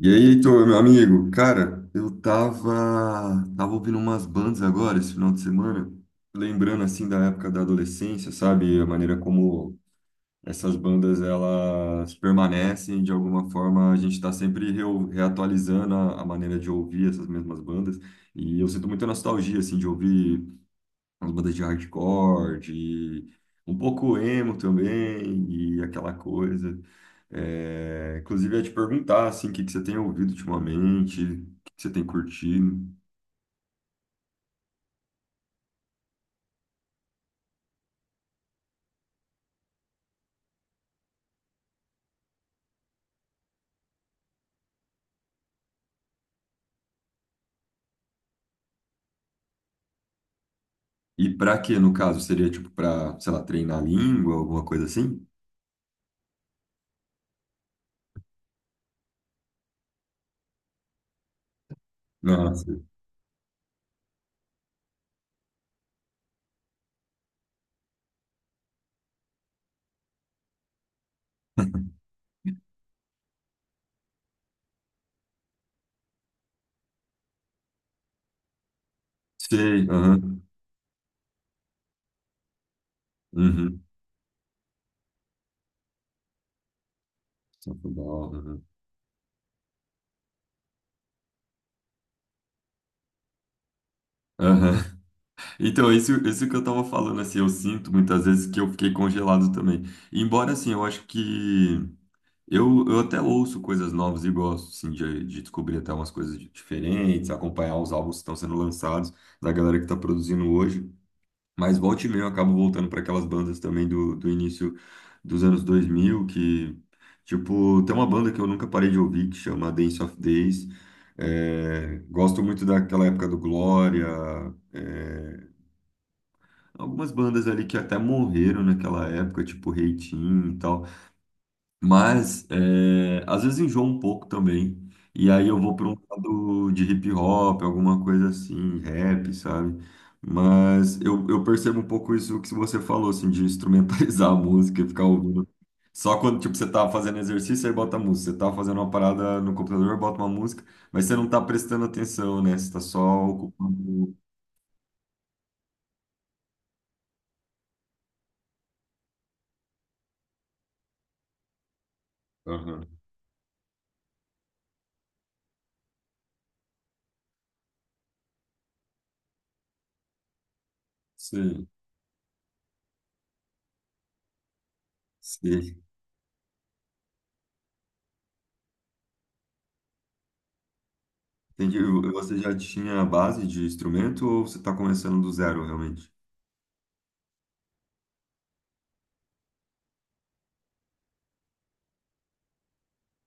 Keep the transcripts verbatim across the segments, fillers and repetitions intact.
E aí, Heitor, meu amigo, cara, eu tava, tava ouvindo umas bandas agora esse final de semana, lembrando assim da época da adolescência, sabe? A maneira como essas bandas elas permanecem, de alguma forma a gente tá sempre reu- reatualizando a, a maneira de ouvir essas mesmas bandas. E eu sinto muita nostalgia assim de ouvir umas bandas de hardcore, de um pouco emo também, e aquela coisa. É, inclusive, eu ia te perguntar, assim, o que que você tem ouvido ultimamente, o que que você tem curtido, e pra quê, no caso? Seria, tipo, pra, sei lá, treinar a língua, alguma coisa assim? Nossa, sei, aham, uhum. Só foi da hora, aham. Aham. Então, isso, isso que eu tava falando, assim, eu sinto muitas vezes que eu fiquei congelado também. Embora, assim, eu acho que Eu, eu até ouço coisas novas e gosto, sim, de, de descobrir até umas coisas di- diferentes, acompanhar os álbuns que estão sendo lançados, da galera que está produzindo hoje. Mas volta e meia eu acabo voltando para aquelas bandas também do, do início dos anos dois mil que, tipo, tem uma banda que eu nunca parei de ouvir, que chama Dance of Days. É, gosto muito daquela época do Glória, é, algumas bandas ali que até morreram naquela época, tipo Reitinho e tal. Mas é, às vezes enjoa um pouco também. E aí eu vou para um lado de hip hop, alguma coisa assim, rap, sabe? Mas eu, eu percebo um pouco isso que você falou, assim, de instrumentalizar a música e ficar ouvindo. Só quando, tipo, você tá fazendo exercício, aí bota a música. Você tá fazendo uma parada no computador, bota uma música, mas você não tá prestando atenção, né? Você tá só ocupando. Aham. Sim, sim. Entendi. Você já tinha a base de instrumento ou você tá começando do zero, realmente?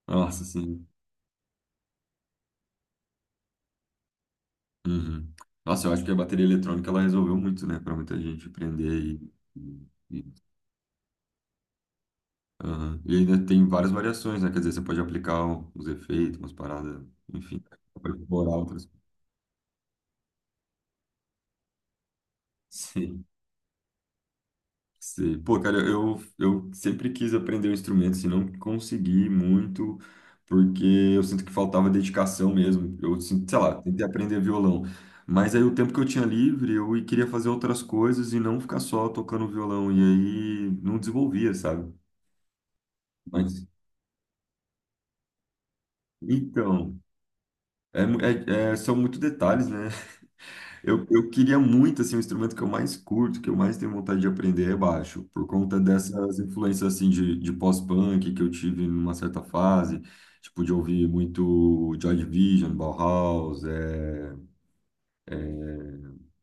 Nossa, sim. Uhum. Nossa, eu acho que a bateria eletrônica ela resolveu muito, né, para muita gente aprender e, e, e- aham. E ainda tem várias variações, né? Quer dizer, você pode aplicar o- os efeitos, umas paradas, enfim, pode explorar outras. Sim. Sei. Pô, cara, eu, eu sempre quis aprender um instrumento, assim, não consegui muito, porque eu sinto que faltava dedicação mesmo. Eu sinto, sei lá, tentei aprender violão. Mas aí o tempo que eu tinha livre, eu queria fazer outras coisas e não ficar só tocando violão. E aí não desenvolvia, sabe? Mas, então, é, mu- é, é- são muitos detalhes, né? Eu, eu queria muito, assim, o instrumento que eu mais curto, que eu mais tenho vontade de aprender é baixo, por conta dessas influências, assim, de, de pós-punk que eu tive numa certa fase, tipo, de ouvir muito Joy Division, Bauhaus, é...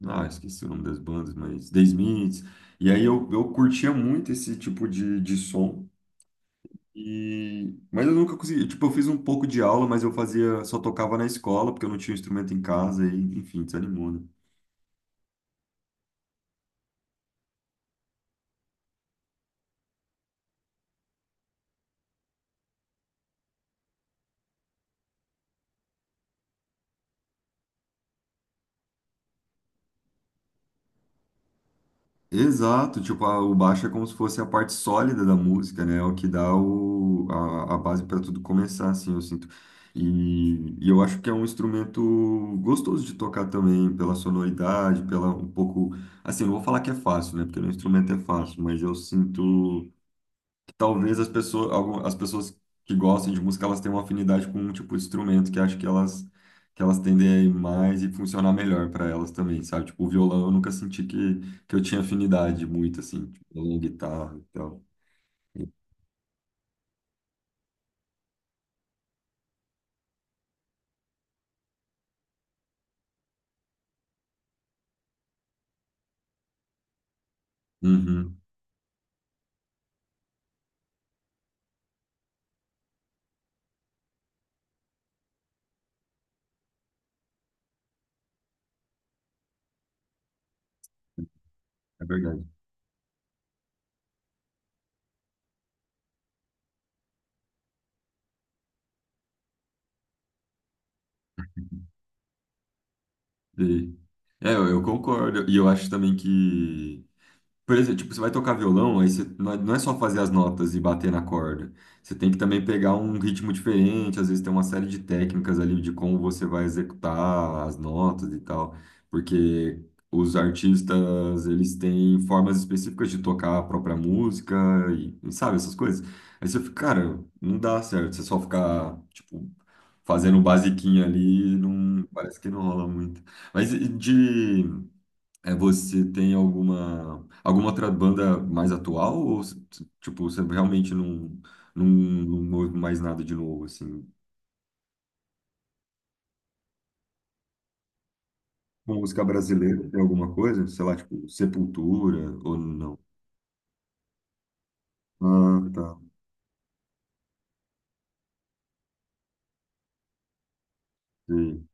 ah, esqueci o nome das bandas, mas The Smiths, e aí eu, eu curtia muito esse tipo de, de som, e... mas eu nunca consegui, tipo, eu fiz um pouco de aula, mas eu fazia, só tocava na escola, porque eu não tinha instrumento em casa, e, enfim, desanimou, né? Exato, tipo, a- o baixo é como se fosse a parte sólida da música, né? É o que dá o, a, a base para tudo começar, assim, eu sinto. E, e eu acho que é um instrumento gostoso de tocar também, pela sonoridade, pela um pouco. Assim, não vou falar que é fácil, né? Porque no instrumento é fácil, mas eu sinto talvez as pessoas, algumas, as pessoas que gostem de música, elas têm uma afinidade com um tipo de instrumento que acho que elas que elas tendem a ir mais e funcionar melhor para elas também, sabe? Tipo, o violão eu nunca senti que, que eu tinha afinidade muito, assim, tipo, violão, guitarra e tal. Uhum, é verdade. E- é, eu, eu concordo. E eu acho também que por exemplo, tipo, você vai tocar violão, aí você não é não é só fazer as notas e bater na corda. Você tem que também pegar um ritmo diferente, às vezes tem uma série de técnicas ali de como você vai executar as notas e tal, porque os artistas, eles têm formas específicas de tocar a própria música e, e sabe, essas coisas. Aí você fica, cara, não dá certo, você só ficar, tipo, fazendo um basiquinho ali, não, parece que não rola muito. Mas e de é, você tem alguma alguma outra banda mais atual ou tipo você realmente não não, não ouve mais nada de novo assim? Com música brasileira tem alguma coisa? Sei lá, tipo Sepultura ou não? Ah, tá. Sim.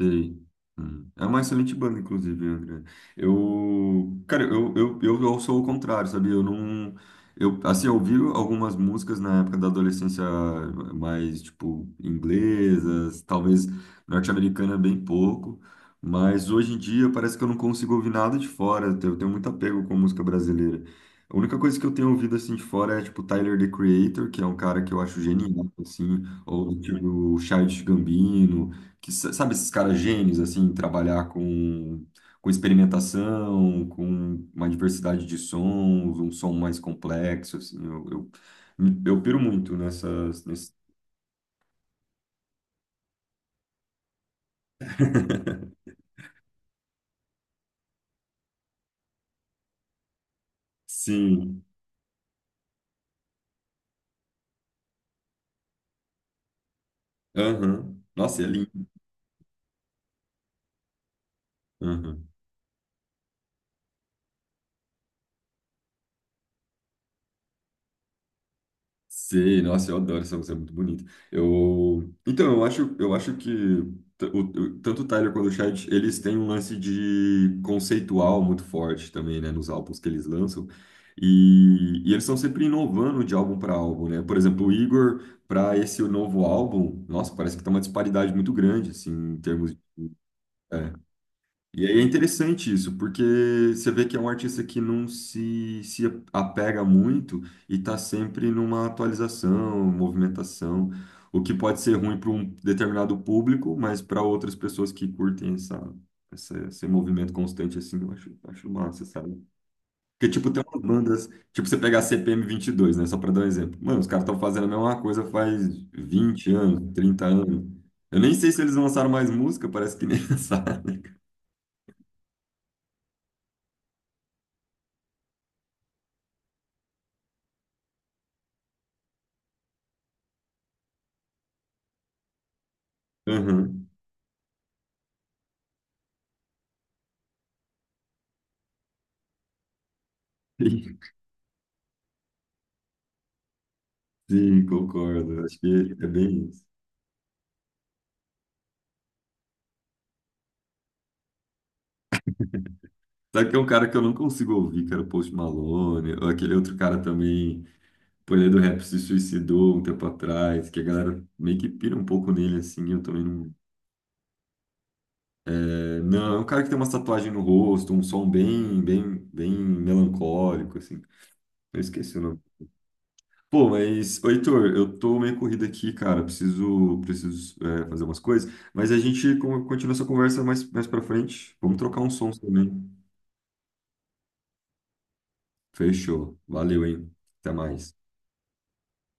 Sei. Hum. É uma excelente banda, inclusive, André. Eu, cara, eu, eu, eu, eu sou o contrário, sabe? Eu não, eu, assim, eu ouvi algumas músicas na época da adolescência mais, tipo, inglesas, talvez norte-americana bem pouco, mas hoje em dia parece que eu não consigo ouvir nada de fora, eu tenho eu tenho muito apego com música brasileira. A única coisa que eu tenho ouvido, assim, de fora é, tipo, Tyler, The Creator, que é um cara que eu acho genial, assim, ou, tipo, o Childish Gambino, que sa- sabe esses caras gênios assim, em trabalhar com com experimentação, com uma diversidade de sons, um som mais complexo assim. Eu eu, eu piro muito nessas nesse... Sim. Aham. Nossa, é lindo. Aham. Sei, nossa, eu adoro essa música, é muito bonita. Eu, então, eu acho, eu acho que t- o- o- tanto o Tyler quanto o Chad, eles têm um lance de conceitual muito forte também, né, nos álbuns que eles lançam. E, e eles estão sempre inovando de álbum para álbum, né? Por exemplo, o Igor, para esse novo álbum, nossa, parece que tá uma disparidade muito grande, assim, em termos e aí é interessante isso, porque você vê que é um artista que não se, se apega muito e está sempre numa atualização, movimentação, o que pode ser ruim para um determinado público, mas para outras pessoas que curtem essa, essa, esse movimento constante, assim, eu acho, acho massa, sabe? Porque, tipo, tem umas bandas, tipo, você pegar a CPM dois, né, só para dar um exemplo. Mano, os caras estão fazendo a mesma coisa faz vinte anos, trinta anos. Eu nem sei se eles lançaram mais música, parece que nem lançaram. Sim, sim, concordo. Acho que é bem isso. Sabe que é um cara que eu não consigo ouvir, que era o Post Malone, ou aquele outro cara também, pô, ele é do rap, se suicidou um tempo atrás, que a galera meio que pira um pouco nele, assim, eu também não... É, não, é um cara que tem uma tatuagem no rosto, um som bem, bem, bem melancólico, assim. Eu esqueci o nome. Pô, mas, ô, Heitor, eu tô meio corrido aqui, cara, preciso, preciso, é, fazer umas coisas, mas a gente con- continua essa conversa mais, mais pra frente. Vamos trocar um som também. Fechou. Valeu, hein? Até mais.